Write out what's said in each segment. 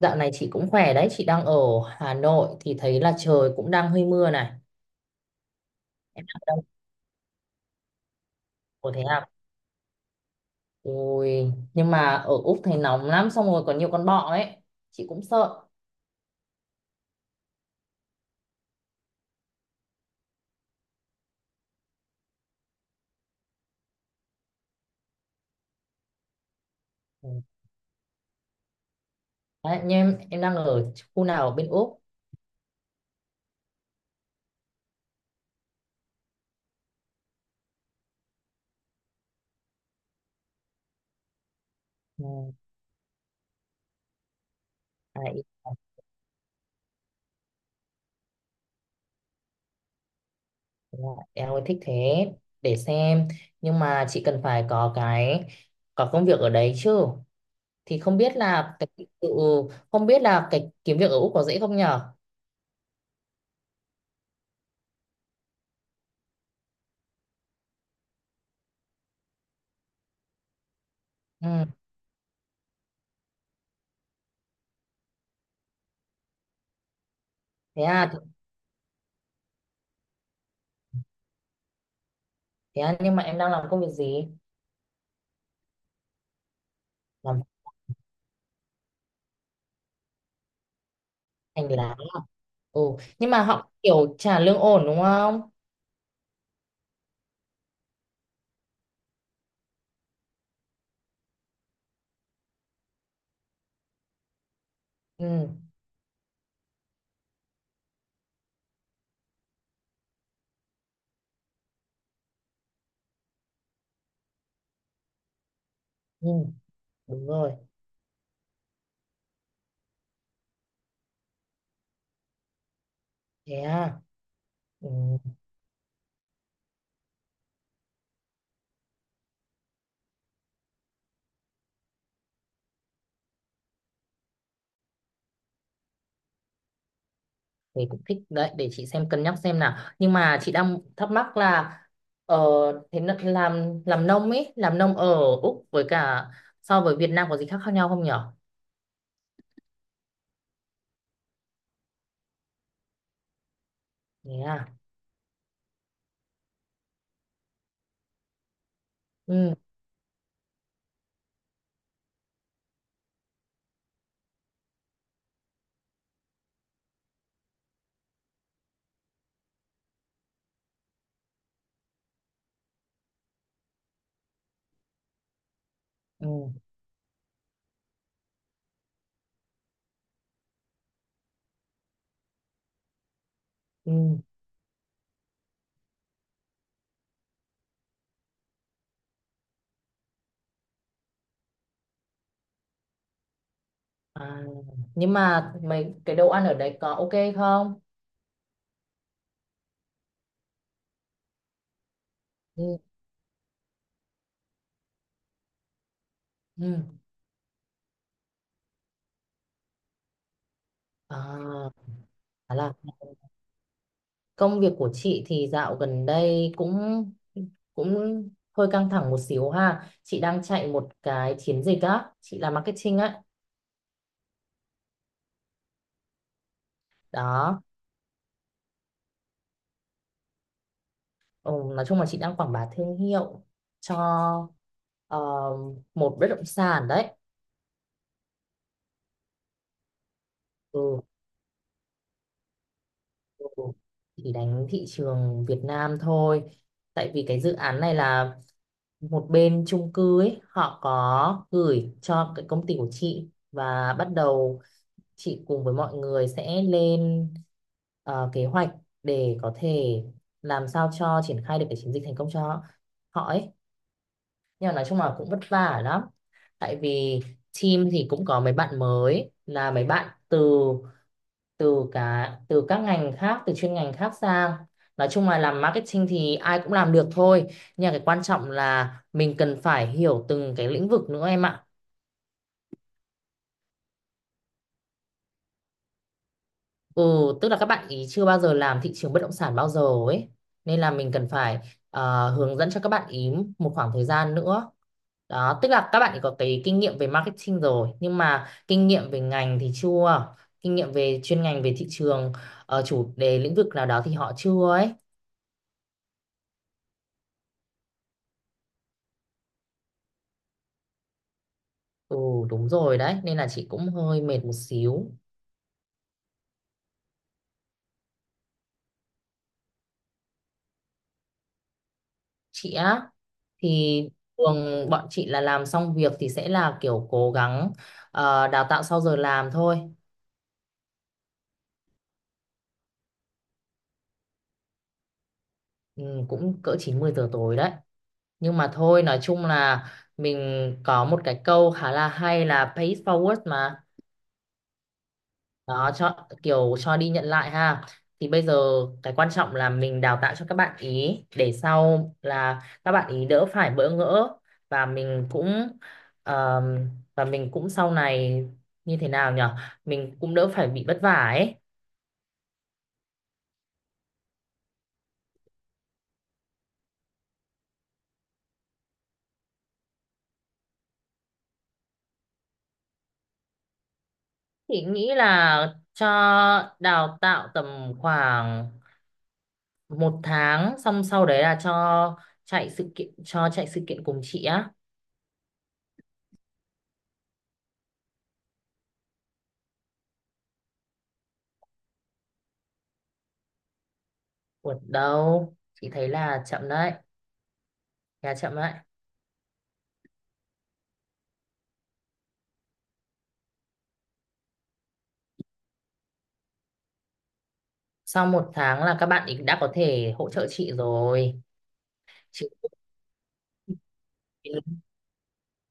Dạo này chị cũng khỏe đấy, chị đang ở Hà Nội thì thấy là trời cũng đang hơi mưa này. Đang có thế à? Ui, nhưng mà ở Úc thấy nóng lắm, xong rồi có nhiều con bọ ấy. Chị cũng sợ. Ừ. Đấy, nhưng em đang ở khu nào ở bên Úc? Ừ. Ý là em ơi, thích thế, để xem. Nhưng mà chị cần phải có cái, có công việc ở đấy chứ. Thì không biết là cái, ừ, không biết là cái kiếm việc ở Úc có dễ không nhở? Ừ. Thế à, thế à, nhưng mà em đang làm công việc gì? Làm hành lá, ừ. Nhưng mà họ kiểu trả lương ổn đúng không? Ừ. Ừ. Đúng rồi. Thế à. Ừ. Thì cũng thích đấy, để chị xem cân nhắc xem nào. Nhưng mà chị đang thắc mắc là ờ, làm nông ấy, làm nông ở Úc với cả so với Việt Nam có gì khác khác nhau không nhở? Thế à. Ừ. Ừ. Ừ. À. Nhưng mà mấy cái đồ ăn ở đấy có ok không? Ừ. Ừ. À, khá là. Công việc của chị thì dạo gần đây cũng cũng hơi căng thẳng một xíu ha. Chị đang chạy một cái chiến dịch á, chị làm marketing á. Đó, ừ, nói chung là chị đang quảng bá thương hiệu cho ờ, một bất động sản đấy. Ừ, ừ. Chỉ đánh thị trường Việt Nam thôi. Tại vì cái dự án này là một bên chung cư ấy, họ có gửi cho cái công ty của chị và bắt đầu chị cùng với mọi người sẽ lên kế hoạch để có thể làm sao cho triển khai được cái chiến dịch thành công cho họ ấy. Nhưng mà nói chung là cũng vất vả lắm, tại vì team thì cũng có mấy bạn mới, là mấy bạn từ từ cả từ các ngành khác, từ chuyên ngành khác sang. Nói chung là làm marketing thì ai cũng làm được thôi, nhưng mà cái quan trọng là mình cần phải hiểu từng cái lĩnh vực nữa em ạ. Ừ, tức là các bạn ý chưa bao giờ làm thị trường bất động sản bao giờ ấy. Nên là mình cần phải hướng dẫn cho các bạn ý một khoảng thời gian nữa. Đó, tức là các bạn ý có cái kinh nghiệm về marketing rồi, nhưng mà kinh nghiệm về ngành thì chưa. Kinh nghiệm về chuyên ngành về thị trường, chủ đề lĩnh vực nào đó thì họ chưa ấy. Ừ, đúng rồi đấy, nên là chị cũng hơi mệt một xíu. Chị á thì thường bọn chị là làm xong việc thì sẽ là kiểu cố gắng đào tạo sau giờ làm thôi. Ừ, cũng cỡ 90 giờ tối đấy. Nhưng mà thôi, nói chung là mình có một cái câu khá là hay là pay it forward mà. Đó, cho kiểu cho đi nhận lại ha. Thì bây giờ cái quan trọng là mình đào tạo cho các bạn ý để sau là các bạn ý đỡ phải bỡ ngỡ, và mình cũng ờm, và mình cũng sau này như thế nào nhở. Mình cũng đỡ phải bị vất vả ấy. Thì nghĩ là cho đào tạo tầm khoảng một tháng xong sau đấy là cho chạy sự kiện cùng chị á. Ủa đâu, chị thấy là chậm đấy, khá chậm đấy. Sau một tháng là các bạn ý đã có thể hỗ trợ chị rồi. Chị,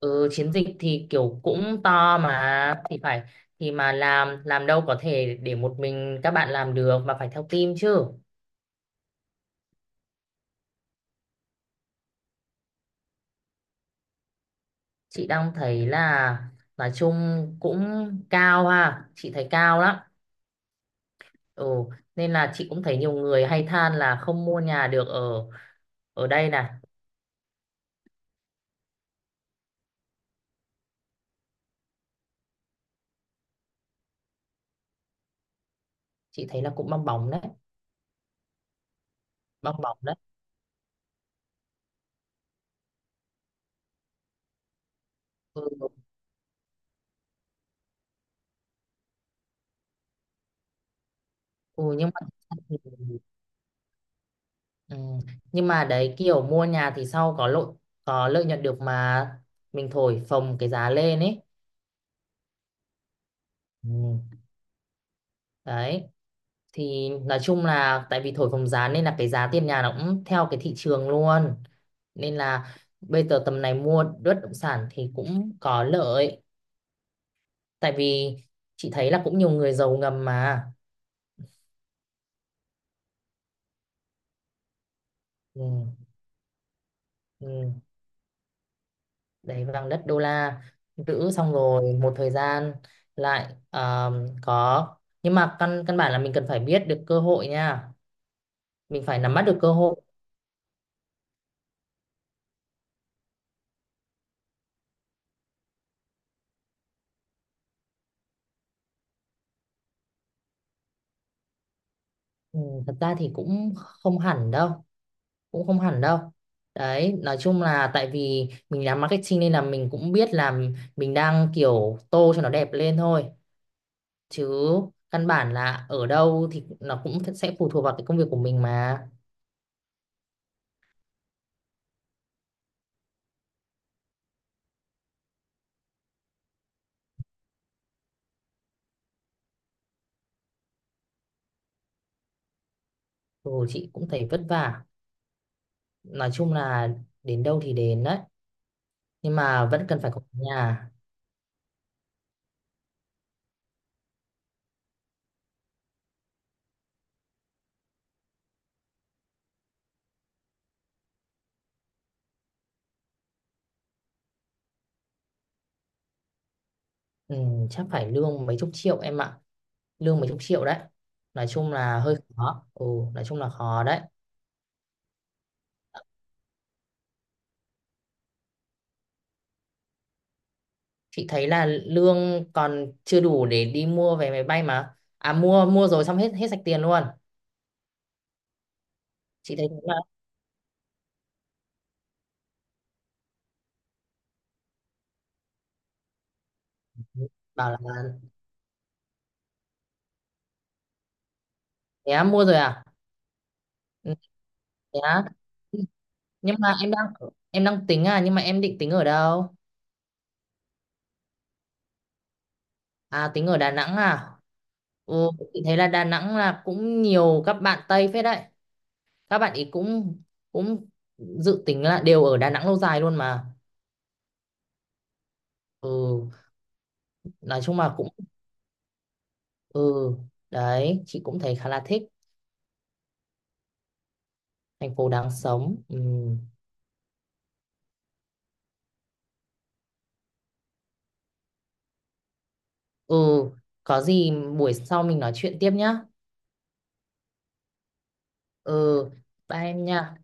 ừ, chiến dịch thì kiểu cũng to mà thì phải thì mà làm đâu có thể để một mình các bạn làm được mà phải theo team chứ. Chị đang thấy là nói chung cũng cao ha, chị thấy cao lắm. Ừ, nên là chị cũng thấy nhiều người hay than là không mua nhà được ở ở đây này. Chị thấy là cũng bong bóng đấy, bong bóng đấy. Ừ, ừ nhưng mà ừ. Nhưng mà đấy kiểu mua nhà thì sau có lợi, có lợi nhuận được mà mình thổi phồng cái giá lên ấy. Ừ. Đấy, thì nói chung là tại vì thổi phồng giá nên là cái giá tiền nhà nó cũng theo cái thị trường luôn. Nên là bây giờ tầm này mua bất động sản thì cũng có lợi, tại vì chị thấy là cũng nhiều người giàu ngầm mà. Ừ, ừ. Đấy, vàng đất đô la, giữ xong rồi một thời gian lại có. Nhưng mà căn căn bản là mình cần phải biết được cơ hội nha, mình phải nắm bắt được cơ hội. Ừ, thật ra thì cũng không hẳn đâu, cũng không hẳn đâu. Đấy nói chung là tại vì mình làm marketing nên là mình cũng biết là mình đang kiểu tô cho nó đẹp lên thôi, chứ căn bản là ở đâu thì nó cũng sẽ phụ thuộc vào cái công việc của mình mà. Ồ, chị cũng thấy vất vả. Nói chung là đến đâu thì đến đấy. Nhưng mà vẫn cần phải có nhà. Ừ, chắc phải lương mấy chục triệu em ạ. Lương mấy chục triệu đấy. Nói chung là hơi khó. Ồ, nói chung là khó đấy. Chị thấy là lương còn chưa đủ để đi mua vé máy bay mà. À mua mua rồi xong hết hết sạch tiền luôn. Chị thấy thế là bảo là thế á, mua rồi à? Ừ, thế á. Nhưng mà em đang tính à, nhưng mà em định tính ở đâu? À tính ở Đà Nẵng à? Ồ, chị thấy là Đà Nẵng là cũng nhiều các bạn Tây phết đấy. Các bạn ý cũng cũng dự tính là đều ở Đà Nẵng lâu dài luôn mà. Ừ, nói chung là cũng ừ, đấy, chị cũng thấy khá là thích thành phố đáng sống. Ừ. Ừ, có gì buổi sau mình nói chuyện tiếp nhá. Ừ, bye em nha.